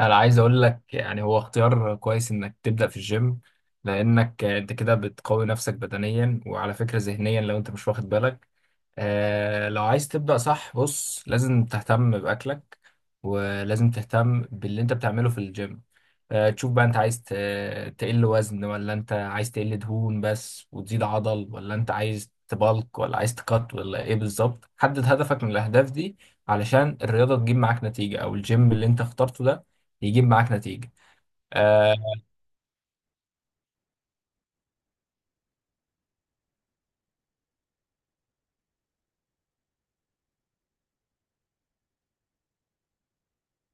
انا عايز اقول لك يعني هو اختيار كويس انك تبدا في الجيم. لانك انت كده بتقوي نفسك بدنيا وعلى فكره ذهنيا لو انت مش واخد بالك. لو عايز تبدا صح، بص لازم تهتم باكلك، ولازم تهتم باللي انت بتعمله في الجيم. تشوف بقى، انت عايز تقل وزن، ولا انت عايز تقل دهون بس وتزيد عضل، ولا انت عايز تبلك، ولا عايز تقط، ولا ايه بالظبط؟ حدد هدفك من الاهداف دي علشان الرياضه تجيب معاك نتيجه، او الجيم اللي انت اخترته ده يجيب معاك نتيجة. آه.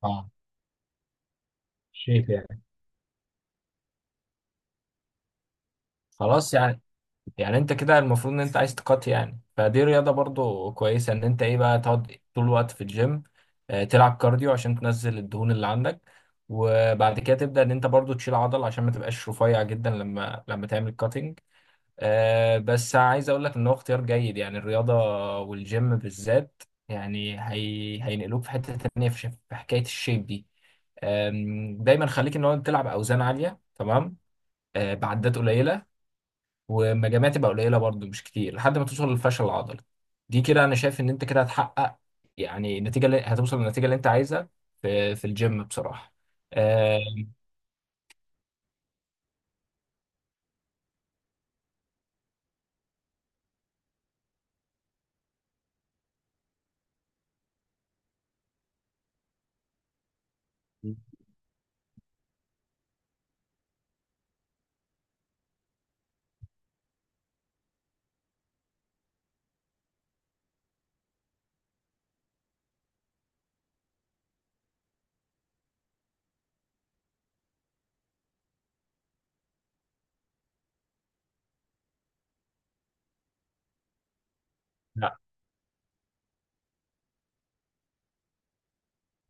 اه. شايف يعني. خلاص يعني انت كده المفروض ان انت عايز تقات، يعني فدي رياضة برضو كويسة ان انت ايه بقى تقعد طول الوقت في الجيم. تلعب كارديو عشان تنزل الدهون اللي عندك، وبعد كده تبدأ ان انت برضو تشيل عضل عشان ما تبقاش رفيع جدا لما تعمل كاتنج. بس عايز اقول لك ان هو اختيار جيد، يعني الرياضة والجيم بالذات. يعني هينقلوك في حتة تانية في في حكاية الشيب دي. دايما خليك ان هو تلعب اوزان عاليه تمام. بعدات قليله ومجاميع تبقى قليله برضو، مش كتير، لحد ما توصل للفشل العضلي. دي كده انا شايف ان انت كده هتحقق، يعني النتيجه، اللي هتوصل للنتيجه اللي انت عايزها، في الجيم بصراحه. آه. مم.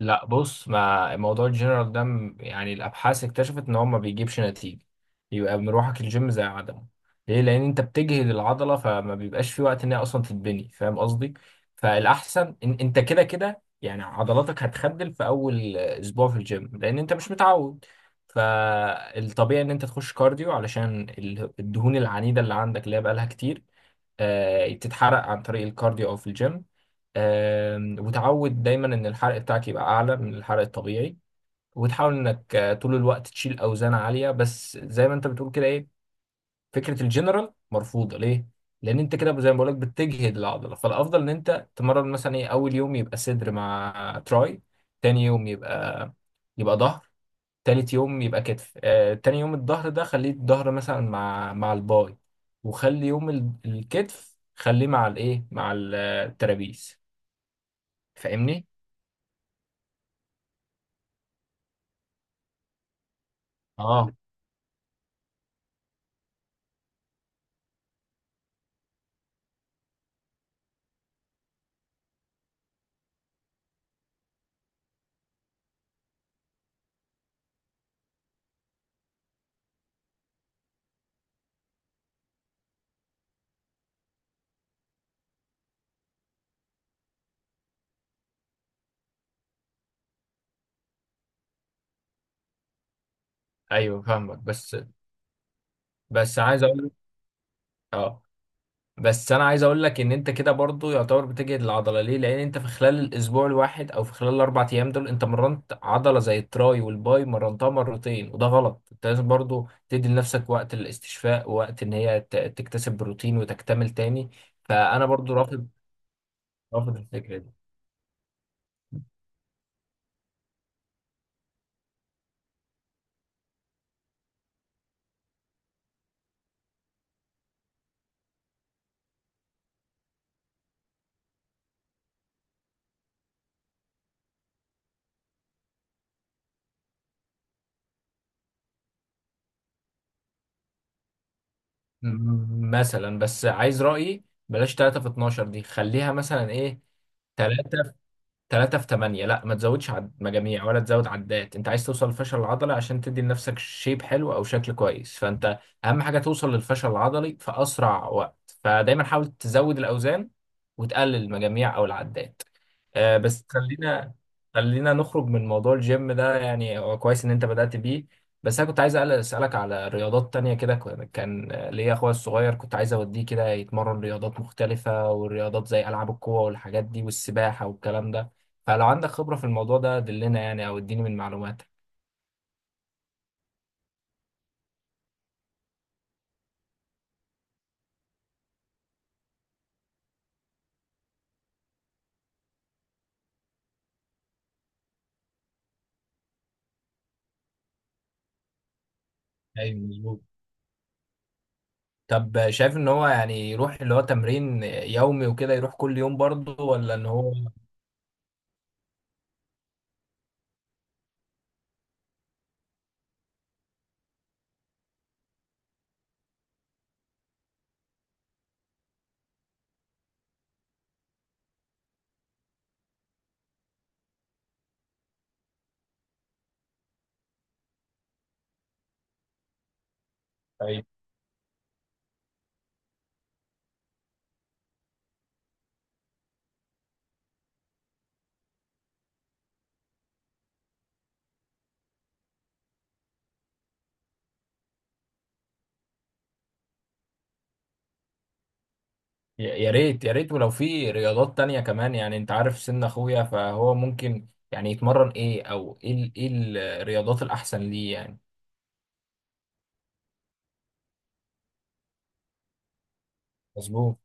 لا، بص، ما موضوع الجنرال ده يعني الابحاث اكتشفت ان هو ما بيجيبش نتيجه، يبقى مروحك الجيم زي عدمه. ليه؟ لان انت بتجهد العضله، فما بيبقاش في وقت ان هي اصلا تتبني، فاهم قصدي؟ فالاحسن إن انت كده كده يعني عضلاتك هتخدل في اول اسبوع في الجيم، لان انت مش متعود. فالطبيعي ان انت تخش كارديو علشان الدهون العنيده اللي عندك، اللي هي بقالها كتير. تتحرق عن طريق الكارديو او في الجيم. وتعود دايما ان الحرق بتاعك يبقى اعلى من الحرق الطبيعي. وتحاول انك طول الوقت تشيل اوزان عاليه، بس زي ما انت بتقول كده، ايه. فكره الجنرال مرفوضه. ليه؟ لان انت كده زي ما بقولك بتجهد العضله. فالافضل ان انت تمرن مثلا ايه، اول يوم يبقى صدر مع تراي، تاني يوم يبقى ظهر. تالت يوم يبقى كتف. تاني يوم الظهر ده خليه الظهر مثلا مع الباي. وخلي يوم الكتف خليه مع الايه، مع الترابيز. فاهمني؟ اه. ايوه فاهمك. بس عايز اقول. اه. بس انا عايز اقول لك ان انت كده برضو يعتبر بتجهد العضله. ليه؟ لان انت في خلال الاسبوع الواحد او في خلال الاربع ايام دول، انت مرنت عضله زي التراي والباي مرنتها مرتين، وده غلط. انت لازم برضو تدي لنفسك وقت للاستشفاء، ووقت ان هي تكتسب بروتين وتكتمل تاني. فانا برضو رافض، رافض الفكره دي. مثلا، بس عايز رايي، بلاش 3 في 12 دي، خليها مثلا ايه. 3، 3 في 8. لا، ما تزودش مجاميع، ولا تزود عدات، انت عايز توصل للفشل العضلي عشان تدي لنفسك شيب حلو او شكل كويس. فانت، اهم حاجه توصل للفشل العضلي في اسرع وقت، فدايما حاول تزود الاوزان، وتقلل المجاميع او العدات. بس خلينا نخرج من موضوع الجيم ده، يعني هو كويس ان انت بدأت بيه. بس انا كنت عايز اسالك على رياضات تانية، كده كان ليا اخويا الصغير، كنت عايز اوديه كده يتمرن رياضات مختلفة، والرياضات زي العاب القوة والحاجات دي والسباحة والكلام ده. فلو عندك خبرة في الموضوع ده دلنا يعني، او اديني من معلوماتك. ايوه مظبوط. طب، شايف ان هو يعني يروح اللي هو تمرين يومي وكده، يروح كل يوم برضه، ولا ان هو؟ طيب. يا ريت يا ريت، ولو في رياضات تانية كمان، يعني انت عارف سن اخويا، فهو ممكن يعني يتمرن ايه، او ايه ايه الرياضات الاحسن ليه يعني؟ مظبوط.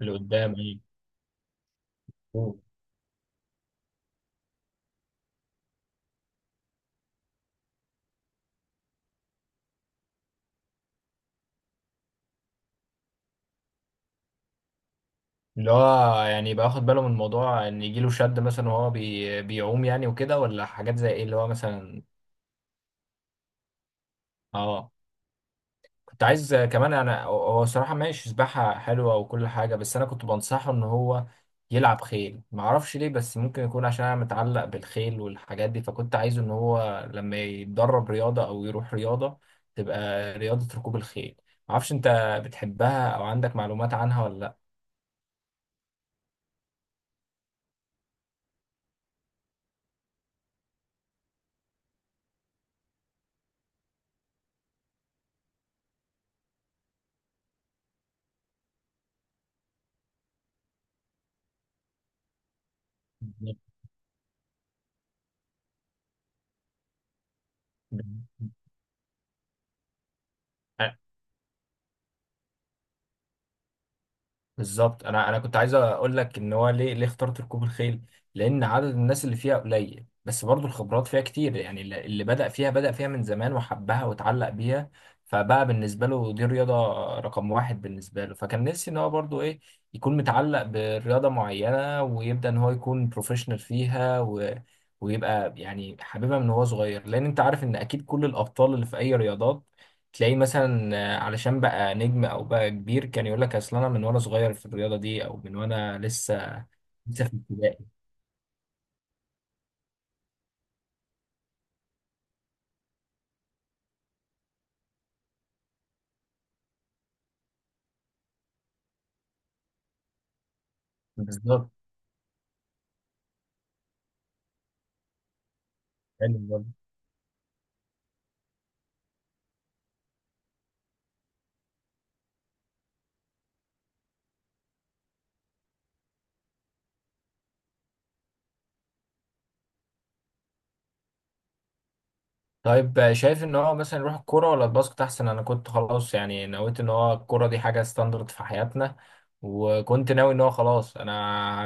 اللي قدام، ايوه، مظبوط. اللي هو يعني يبقى واخد باله من الموضوع ان يجيله شد مثلا وهو بيعوم يعني، وكده، ولا حاجات زي ايه اللي هو مثلا؟ اه. كنت عايز كمان، انا هو صراحة ماشي، سباحة حلوة وكل حاجة، بس انا كنت بنصحه ان هو يلعب خيل. معرفش ليه، بس ممكن يكون عشان انا متعلق بالخيل والحاجات دي، فكنت عايزه ان هو لما يتدرب رياضة او يروح رياضة، تبقى رياضة ركوب الخيل. معرفش انت بتحبها او عندك معلومات عنها ولا؟ لا بالظبط. انا كنت عايز اقول لك ان هو ليه ليه اخترت ركوب الخيل. لان عدد الناس اللي فيها قليل، بس برضو الخبرات فيها كتير، يعني اللي بدأ فيها بدأ فيها من زمان وحبها واتعلق بيها. فبقى بالنسبه له دي رياضه رقم واحد بالنسبه له، فكان نفسي ان هو برضو ايه، يكون متعلق برياضه معينه، ويبدأ ان هو يكون بروفيشنال فيها ويبقى يعني حاببها من هو صغير. لان انت عارف ان اكيد كل الابطال اللي في اي رياضات، تلاقيه مثلا علشان بقى نجم او بقى كبير، كان يقول لك اصل انا من وانا صغير في الرياضه دي، او من وانا لسه لسه في ابتدائي. بالظبط. حلو برضه. طيب. شايف ان هو مثلا يروح الكوره ولا الباسكت احسن؟ انا كنت خلاص يعني نويت ان هو الكوره دي حاجه ستاندرد في حياتنا، وكنت ناوي ان هو خلاص انا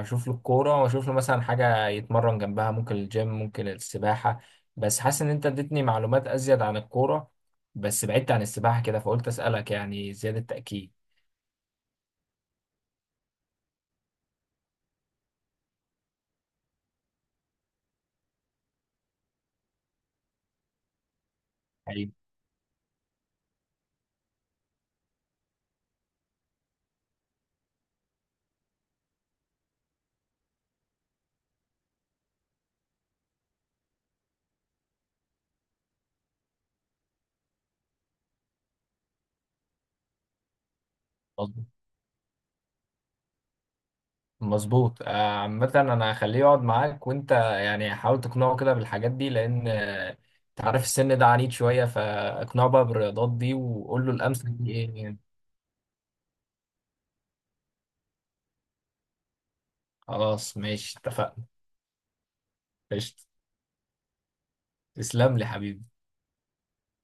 هشوف له الكوره، واشوف له مثلا حاجه يتمرن جنبها، ممكن الجيم، ممكن السباحه. بس حاسس ان انت اديتني معلومات ازيد عن الكوره، بس بعدت عن السباحه كده، فقلت اسالك يعني زياده تاكيد. مظبوط، مظبوط. عامة أنا هخليه يقعد معاك، وأنت يعني حاول تقنعه كده بالحاجات دي، لأن أنت عارف السن ده عنيد شوية، فاقنعه بقى بالرياضات دي، وقول له الأمثل دي إيه يعني. خلاص ماشي اتفقنا. قشطة. تسلم لي حبيبي.